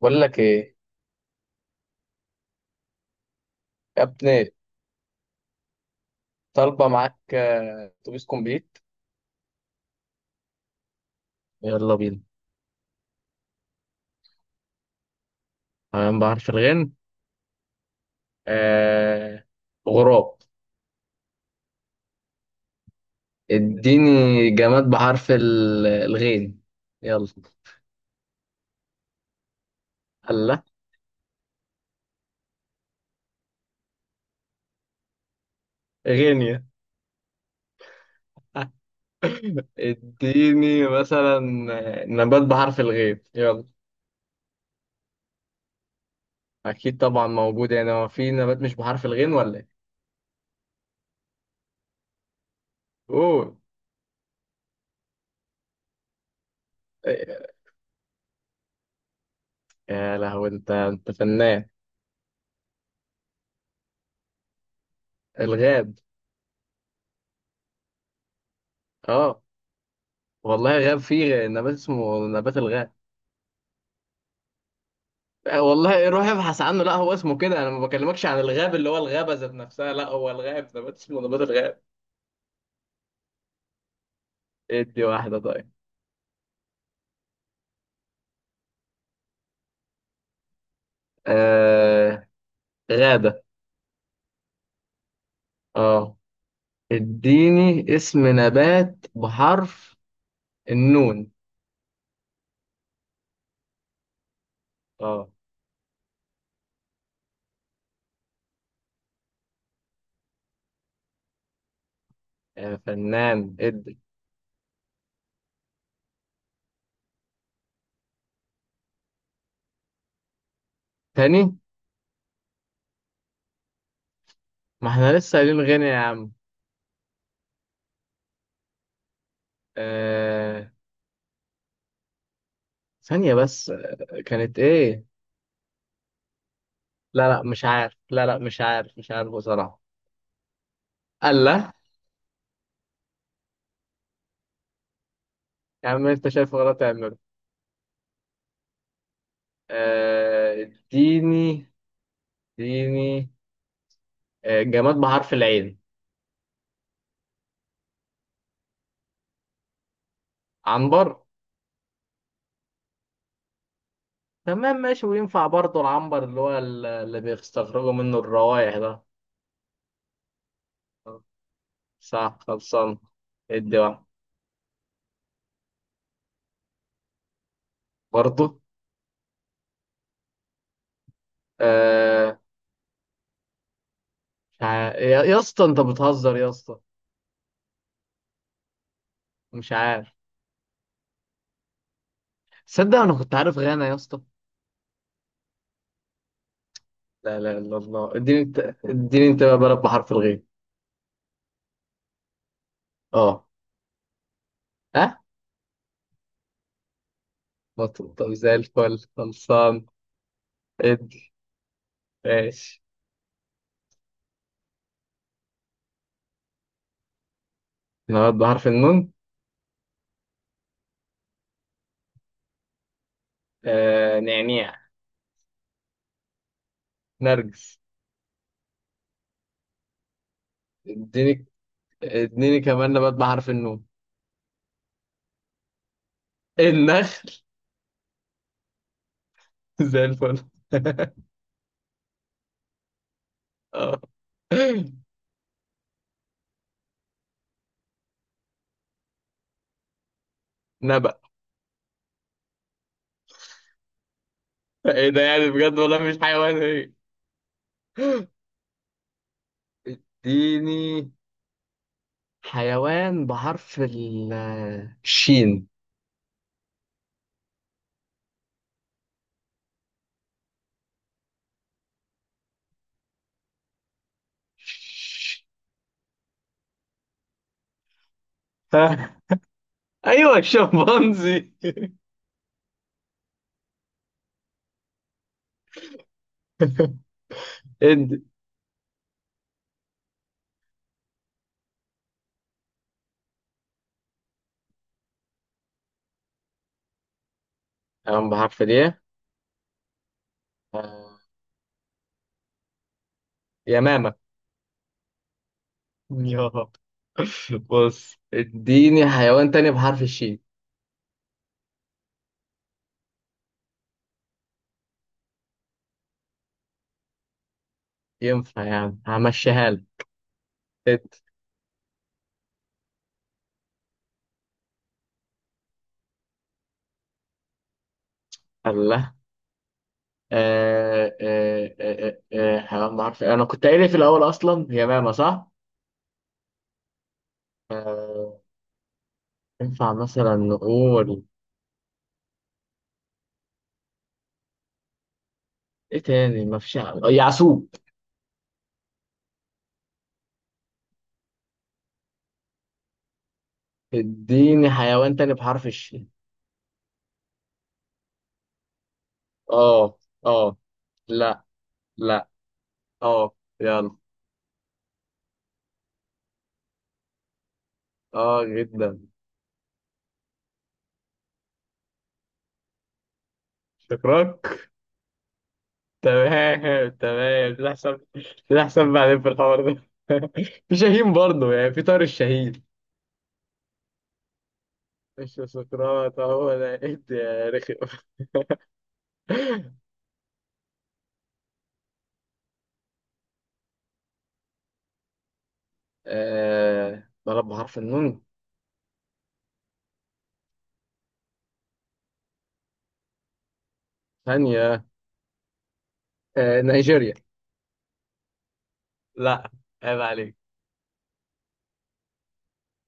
بقول لك ايه يا ابني؟ طالبه معاك. اتوبيس كومبليت. يلا بينا. تمام بحرف الغين. آه غراب. اديني جماد بحرف الغين، يلا. الله. غينيا. اديني مثلا نبات بحرف الغين يلا. اكيد طبعا موجود، يعني هو في نبات مش بحرف الغين ولا ايه؟ قول. آه، يا لهوي انت فنان. الغاب. اه والله غاب فيه نبات اسمه نبات الغاب. والله روح ابحث عنه، لا هو اسمه كده. انا ما بكلمكش عن الغاب اللي هو الغابه ذات نفسها، لا هو الغاب نبات اسمه نبات الغاب. ادي واحده طيب. آه غابه. اه. اديني اسم نبات بحرف النون. اه يا فنان، ادي. تاني؟ ما احنا لسه قايلين غنى يا عم. آه. ثانيه بس، كانت ايه؟ لا لا مش عارف، لا لا مش عارف، مش عارف بصراحه. الله. يا عم انت شايف غلط تعمله. اديني اديني جماد بحرف العين. عنبر. تمام ماشي. وينفع برضه العنبر اللي هو اللي بيستخرجوا منه الروائح ده؟ صح، خلصان. ادي واحد. برضه. آه مش عارف، يا اسطى، انت بتهزر يا اسطى. مش عارف. تصدق انا كنت عارف غانا يا اسطى. لا لا لا، الله. اديني انت. اديني انت بقى بلد بحرف الغين. اه. ها. مطلوب. طب زي الفل، خلصان. ادي. ماشي. نبات بحرف النون. نعناع. نرجس. اديني اديني كمان نبات بحرف النون. النخل. زي الفل. اه، نبأ. ايه ده يعني، بجد؟ والله مش حيوان، ايه؟ اديني حيوان بحرف الشين. ش- ها ايوه الشمبانزي. ادي حيوان بحرف الايه؟ آه، يمامة. يا. بص اديني حيوان تاني بحرف الشين. ينفع يعني همشيها لك. الله. حيوان بحرف، انا كنت قايل إيه في الاول اصلا، هي ماما صح؟ آه ينفع مثلا نقول. ايه تاني؟ ما فيش. يعسوب. اديني حيوان تاني بحرف الشين. اه اه. لا لا. اه يلا. اه جدا. شكراك. تمام تمام، تحسب. تحسب بعدين في الحوار ده. في شاهين برضه، يعني في طار الشهيد. مش سقراط، هو ده. إيه ده يا رخم. بلد بحرف النون. ثانية. نيجيريا. لا. عيب عليك.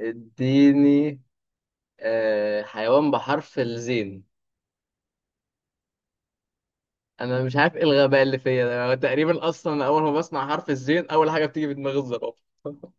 اديني. حيوان بحرف الزين. انا مش عارف ايه الغباء اللي فيا ده. أنا تقريبا اصلا اول ما بسمع حرف الزين، اول حاجة بتيجي في دماغي الزرافة.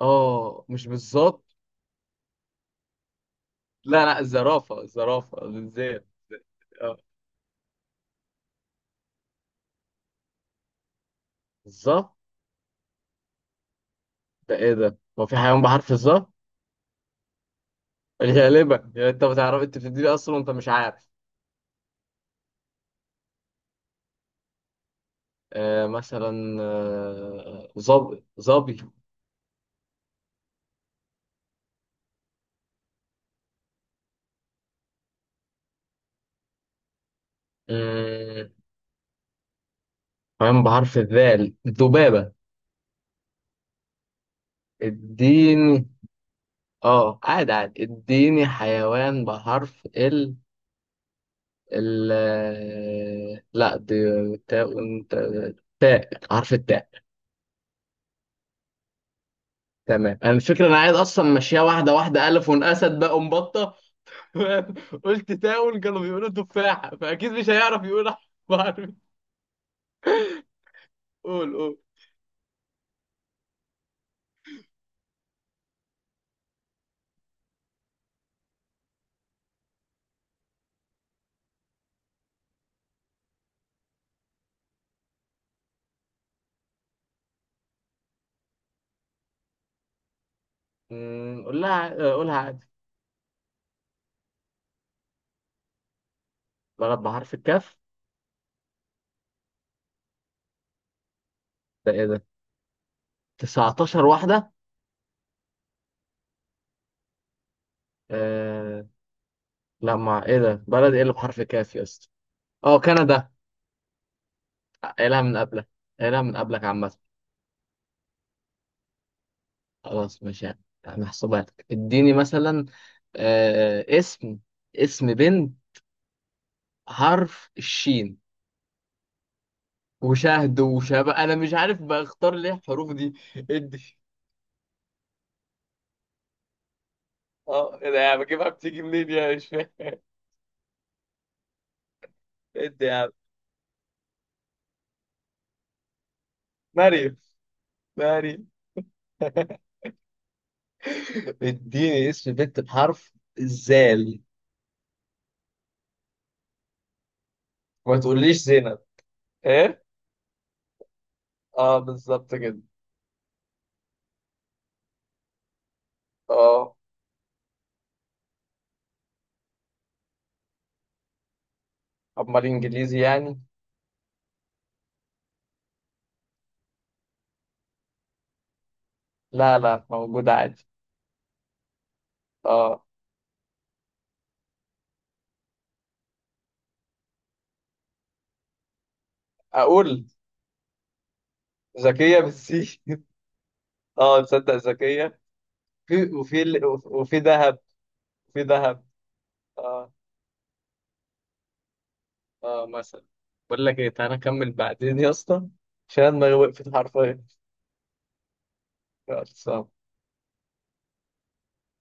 اه، مش بالظبط. لا لا، الزرافة، الزرافة الزين. اه، الظبط. ده ايه ده؟ هو في حيوان بحرف الظا؟ غالبا. يعني انت بتعرف، انت بتديني اصلا وانت مش عارف. مثلا ظبي ظبي. مم، كمان بحرف الذال، ذبابة. اديني. اه عادي عادي، اديني حيوان بحرف ال لا، دي تاء، انت تاء، حرف التاء. تمام. انا الفكرة، انا عايز اصلا ماشية واحدة واحدة، الف اسد بقى ومبطة. قلت تاون، كانوا بيقولوا تفاحة، فاكيد مش هيعرف يقول. بحرف. قول قول. قول لها قولها عادي. بلد بحرف الكاف. ده ايه ده، 19 واحدة؟ آه، لا. ما ايه ده، بلد ايه اللي بحرف كاف يا اسطى؟ اه، كندا. قايلها من قبلك. قايلها من قبلك عامة. خلاص ماشي يعني. محسوبة لك. اديني مثلا اسم، اسم بنت حرف الشين. وشهد وشبه، انا مش عارف بختار ليه الحروف دي. ادي. اه ايه ده يا عم، بجيبها بتيجي منين يا، مش فاهم. ادي يا عم. مريم. مريم. اديني اسم بنت بحرف الزال. ما تقوليش زينب. ايه. اه بالظبط كده. اه. امال انجليزي يعني؟ لا لا موجود عادي. اه. اقول. ذكيه بالسي. اه تصدق ذكيه. في، وفي وفي ذهب. في ذهب. اه. اه مثلا. بقول لك ايه، تعالى نكمل بعدين يا اسطى، عشان دماغي وقفت حرفيا. يلا، سلام.